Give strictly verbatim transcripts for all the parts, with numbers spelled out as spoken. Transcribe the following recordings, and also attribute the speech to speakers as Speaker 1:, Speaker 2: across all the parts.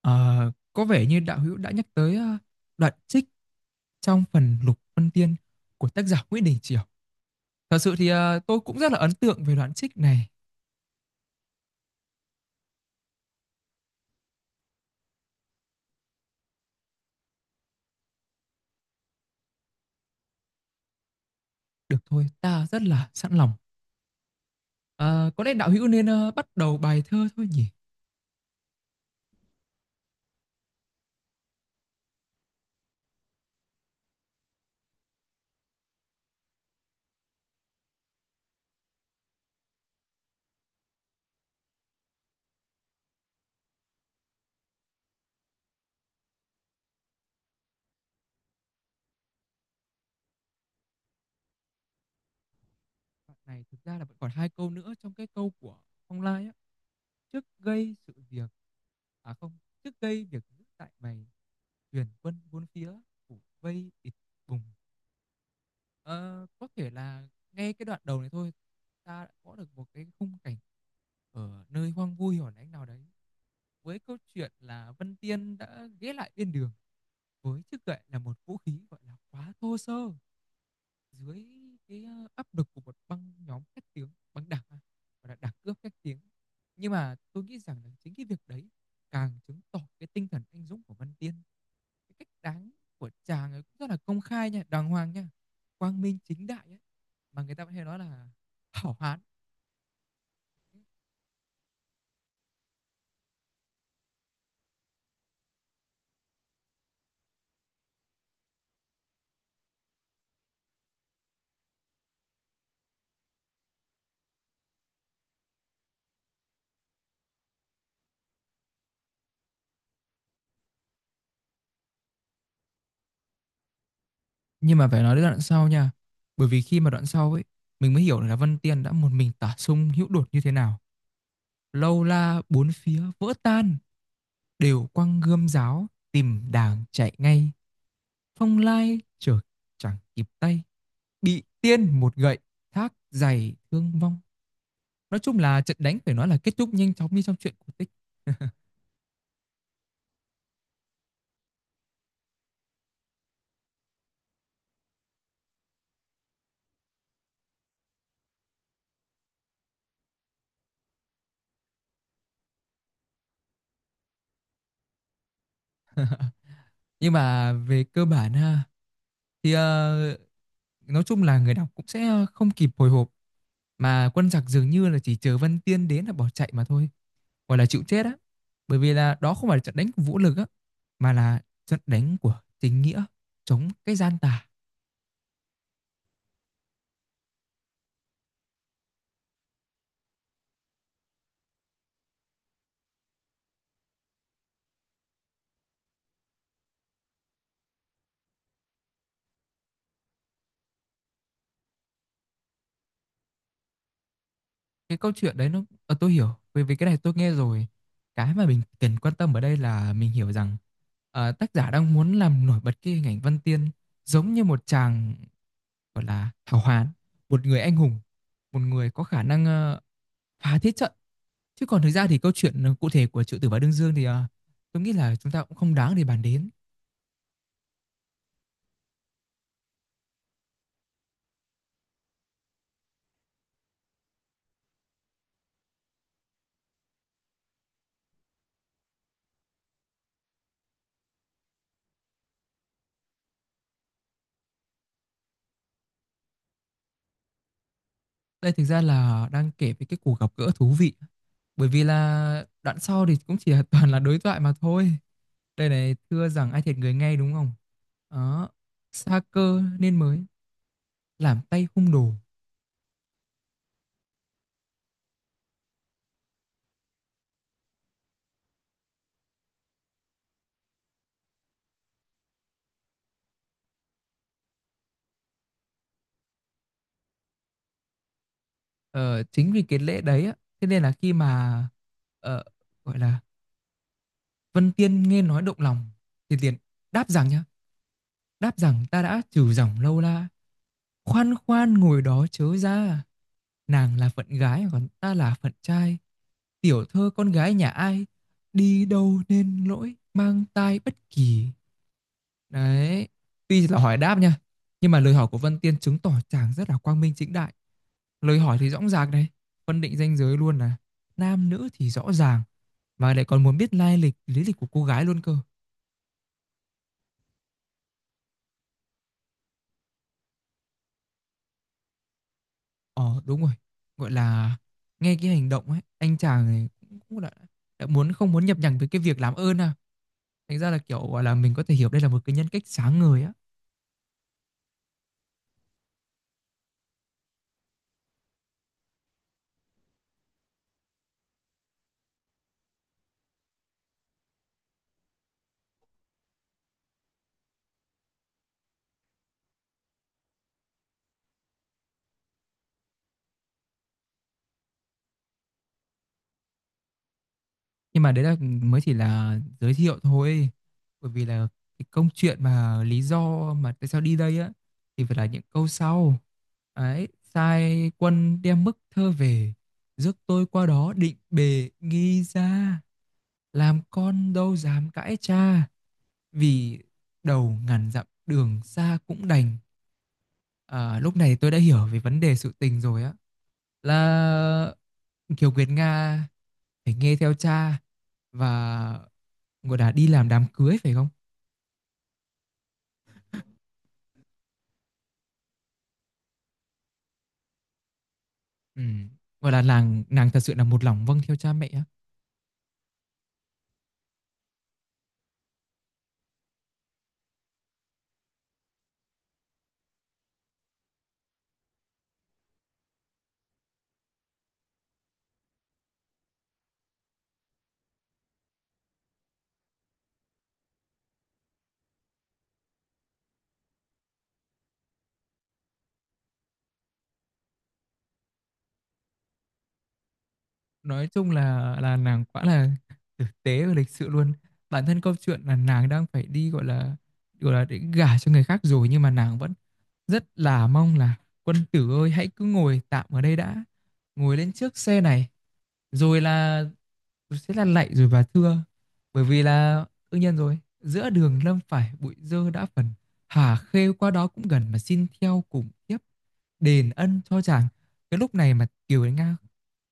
Speaker 1: Ờ, có vẻ như đạo hữu đã nhắc tới ờ, đoạn trích trong phần Lục Vân Tiên của tác giả Nguyễn Đình Chiểu. Thật sự thì ờ, tôi cũng rất là ấn tượng về đoạn trích này. Được thôi, ta rất là sẵn lòng. Ờ, có lẽ đạo hữu nên ờ, bắt đầu bài thơ thôi nhỉ? Đoạn này thực ra là vẫn còn hai câu nữa trong cái câu của Phong Lai á. Trước gây sự việc, à không, trước gây việc giữ tại mày, tuyển quân bốn phía, phủ vây địch vùng. Ờ, có thể là ngay cái đoạn đầu này thôi, ta đã có được một cái khung cảnh ở nơi hoang vui hẻo lánh nào đấy, với câu chuyện là Vân Tiên đã ghé lại bên đường với chiếc gậy là một vũ khí gọi là quá thô sơ dưới cái ờ, áp lực của một băng nhóm khét tiếng, băng đảng, và gọi là đảng cướp khét tiếng. Nhưng mà tôi nghĩ rằng là chính cái việc đấy càng chứng tỏ cái tinh thần anh dũng của Văn Tiên. Cái cách đáng của chàng ấy cũng rất là công khai nha, đàng hoàng nha, quang minh chính đại ấy. Mà người ta vẫn hay nói là hảo hán. Nhưng mà phải nói đến đoạn sau nha, bởi vì khi mà đoạn sau ấy, mình mới hiểu là Văn Tiên đã một mình tả sung hữu đột như thế nào, lâu la bốn phía vỡ tan, đều quăng gươm giáo tìm đàng chạy ngay, phong lai chợt chẳng kịp tay, bị tiên một gậy thác dày thương vong. Nói chung là trận đánh phải nói là kết thúc nhanh chóng như trong truyện cổ tích. Nhưng mà về cơ bản ha, thì uh, nói chung là người đọc cũng sẽ không kịp hồi hộp, mà quân giặc dường như là chỉ chờ Vân Tiên đến là bỏ chạy mà thôi, gọi là chịu chết á, bởi vì là đó không phải là trận đánh của vũ lực á, mà là trận đánh của chính nghĩa, chống cái gian tà. Cái câu chuyện đấy nó ờ, tôi hiểu, bởi vì cái này tôi nghe rồi. Cái mà mình cần quan tâm ở đây là mình hiểu rằng ờ, tác giả đang muốn làm nổi bật cái hình ảnh Văn Tiên giống như một chàng gọi là hào hán, một người anh hùng, một người có khả năng ờ, phá thiết trận. Chứ còn thực ra thì câu chuyện cụ thể của Triệu Tử và Đương Dương thì ờ, tôi nghĩ là chúng ta cũng không đáng để bàn đến. Đây thực ra là đang kể về cái cuộc gặp gỡ thú vị. Bởi vì là đoạn sau thì cũng chỉ là toàn là đối thoại mà thôi. Đây này, thưa rằng ai thiệt người ngay, đúng không? Đó, xa cơ nên mới làm tay hung đồ. Ờ, Chính vì cái lễ đấy á, thế nên là khi mà ờ, gọi là Vân Tiên nghe nói động lòng thì liền đáp rằng nhá, đáp rằng ta đã trừ dòng lâu la. Khoan khoan ngồi đó chớ ra, nàng là phận gái còn ta là phận trai, tiểu thơ con gái nhà ai, đi đâu nên lỗi mang tai bất kỳ. Đấy, tuy là hỏi đáp nha, nhưng mà lời hỏi của Vân Tiên chứng tỏ chàng rất là quang minh chính đại. Lời hỏi thì rõ ràng này, phân định ranh giới luôn là nam nữ thì rõ ràng, mà lại còn muốn biết lai lịch, lý lịch của cô gái luôn cơ. Ờ, đúng rồi. Gọi là, nghe cái hành động ấy, anh chàng này cũng cũng đã đã muốn không muốn nhập nhằng với cái việc làm ơn à. Thành ra là, kiểu, gọi là, mình có thể hiểu đây là một cái nhân cách sáng ngời á. Nhưng mà đấy là mới chỉ là giới thiệu thôi, bởi vì là cái câu chuyện mà lý do mà tại sao đi đây á, thì phải là những câu sau. Ấy, sai quân đem bức thơ về, rước tôi qua đó định bề nghi ra, làm con đâu dám cãi cha. Vì đầu ngàn dặm đường xa cũng đành. À, lúc này tôi đã hiểu về vấn đề sự tình rồi á. Là Kiều Nguyệt Nga phải nghe theo cha và gọi là đi làm đám cưới phải không? Ừ. Gọi là nàng nàng thật sự là một lòng vâng theo cha mẹ á. Nói chung là là nàng quá là thực tế và lịch sự luôn. Bản thân câu chuyện là nàng đang phải đi gọi là gọi là để gả cho người khác rồi, nhưng mà nàng vẫn rất là mong là quân tử ơi hãy cứ ngồi tạm ở đây đã, ngồi lên trước xe này, rồi là sẽ là lạy rồi và thưa. Bởi vì là đương nhiên rồi, giữa đường lâm phải bụi dơ đã phần, hà khê qua đó cũng gần, mà xin theo cùng tiếp đền ân cho chàng. Cái lúc này mà Kiều Đến Nga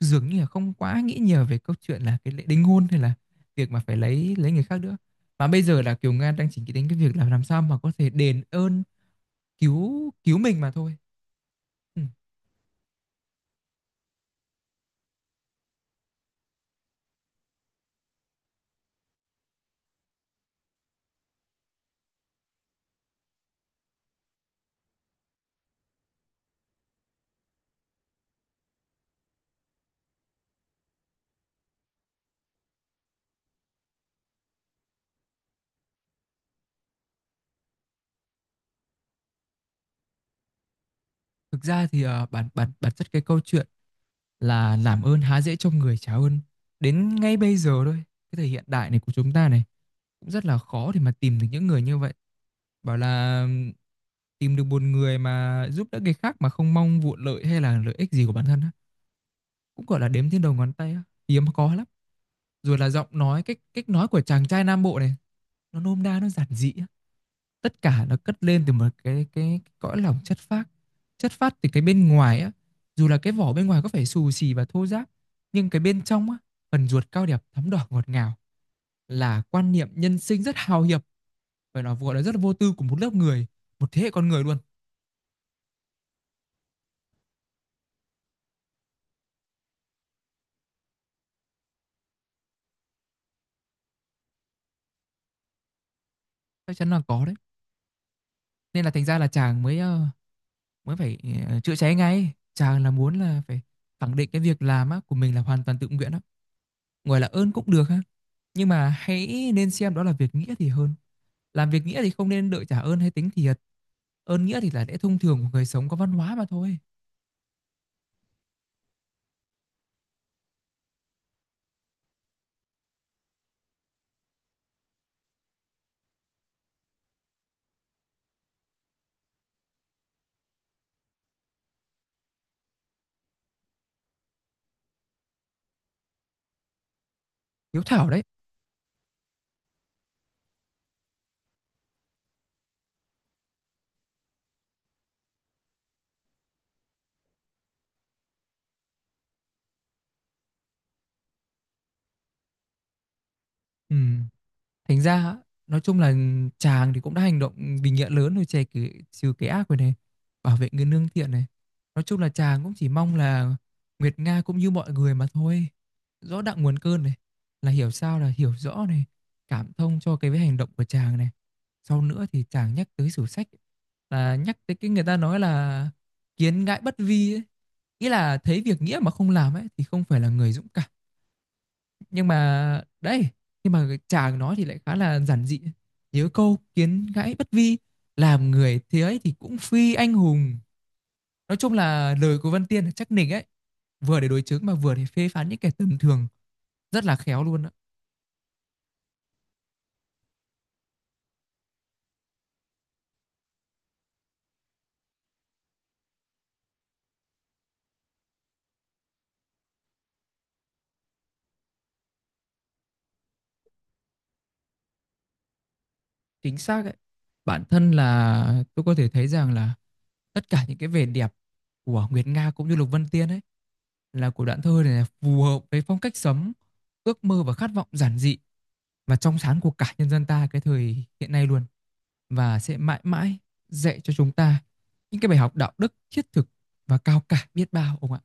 Speaker 1: dường như là không quá nghĩ nhiều về câu chuyện là cái lễ đính hôn, hay là việc mà phải lấy lấy người khác nữa, mà bây giờ là Kiều Nga đang chỉ nghĩ đến cái việc là làm sao mà có thể đền ơn cứu cứu mình mà thôi. Ừ. Thực ra thì ờ, bản bản bản chất cái câu chuyện là làm ơn há dễ trong người trả ơn, đến ngay bây giờ thôi, cái thời hiện đại này của chúng ta này, cũng rất là khó để mà tìm được những người như vậy. Bảo là tìm được một người mà giúp đỡ người khác mà không mong vụ lợi hay là lợi ích gì của bản thân á, cũng gọi là đếm trên đầu ngón tay á, hiếm có lắm. Rồi là giọng nói cách cách nói của chàng trai Nam Bộ này, nó nôm na nó giản dị, tất cả nó cất lên từ một cái cái, cõi lòng chất phác, chất phát từ cái bên ngoài á, dù là cái vỏ bên ngoài có phải xù xì và thô ráp, nhưng cái bên trong á, phần ruột cao đẹp thắm đỏ ngọt ngào, là quan niệm nhân sinh rất hào hiệp, phải nói gọi là rất là vô tư của một lớp người, một thế hệ con người luôn. Chắc chắn là có đấy. Nên là thành ra là chàng mới ờ, mới phải ờ, chữa cháy ngay, chàng là muốn là phải khẳng định cái việc làm á của mình là hoàn toàn tự nguyện á. Gọi là ơn cũng được ha, nhưng mà hãy nên xem đó là việc nghĩa thì hơn. Làm việc nghĩa thì không nên đợi trả ơn hay tính thiệt. Ơn nghĩa thì là lẽ thông thường của người sống có văn hóa mà thôi. Hiếu thảo đấy. Ừ. Thành ra á, nói chung là chàng thì cũng đã hành động vì nghĩa lớn rồi, chè cái, trừ cái ác rồi này, bảo vệ người nương thiện này. Nói chung là chàng cũng chỉ mong là Nguyệt Nga cũng như mọi người mà thôi. Rõ đặng nguồn cơn này, là hiểu sao là hiểu rõ này, cảm thông cho cái với hành động của chàng này. Sau nữa thì chàng nhắc tới sử sách, là nhắc tới cái người ta nói là kiến ngãi bất vi ấy. Ý là thấy việc nghĩa mà không làm ấy thì không phải là người dũng cảm, nhưng mà đấy, nhưng mà chàng nó thì lại khá là giản dị. Nhớ câu kiến gãy bất vi, làm người thế ấy thì cũng phi anh hùng. Nói chung là lời của Văn Tiên là chắc nịch ấy, vừa để đối chứng mà vừa để phê phán những kẻ tầm thường, rất là khéo luôn á. Chính xác ấy. Bản thân là tôi có thể thấy rằng là tất cả những cái vẻ đẹp của Nguyệt Nga cũng như Lục Vân Tiên ấy, là của đoạn thơ này, là phù hợp với phong cách sống, ước mơ và khát vọng giản dị và trong sáng của cả nhân dân ta cái thời hiện nay luôn, và sẽ mãi mãi dạy cho chúng ta những cái bài học đạo đức thiết thực và cao cả biết bao ông ạ.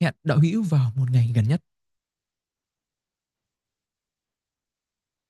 Speaker 1: Hẹn đạo hữu vào một ngày gần nhất.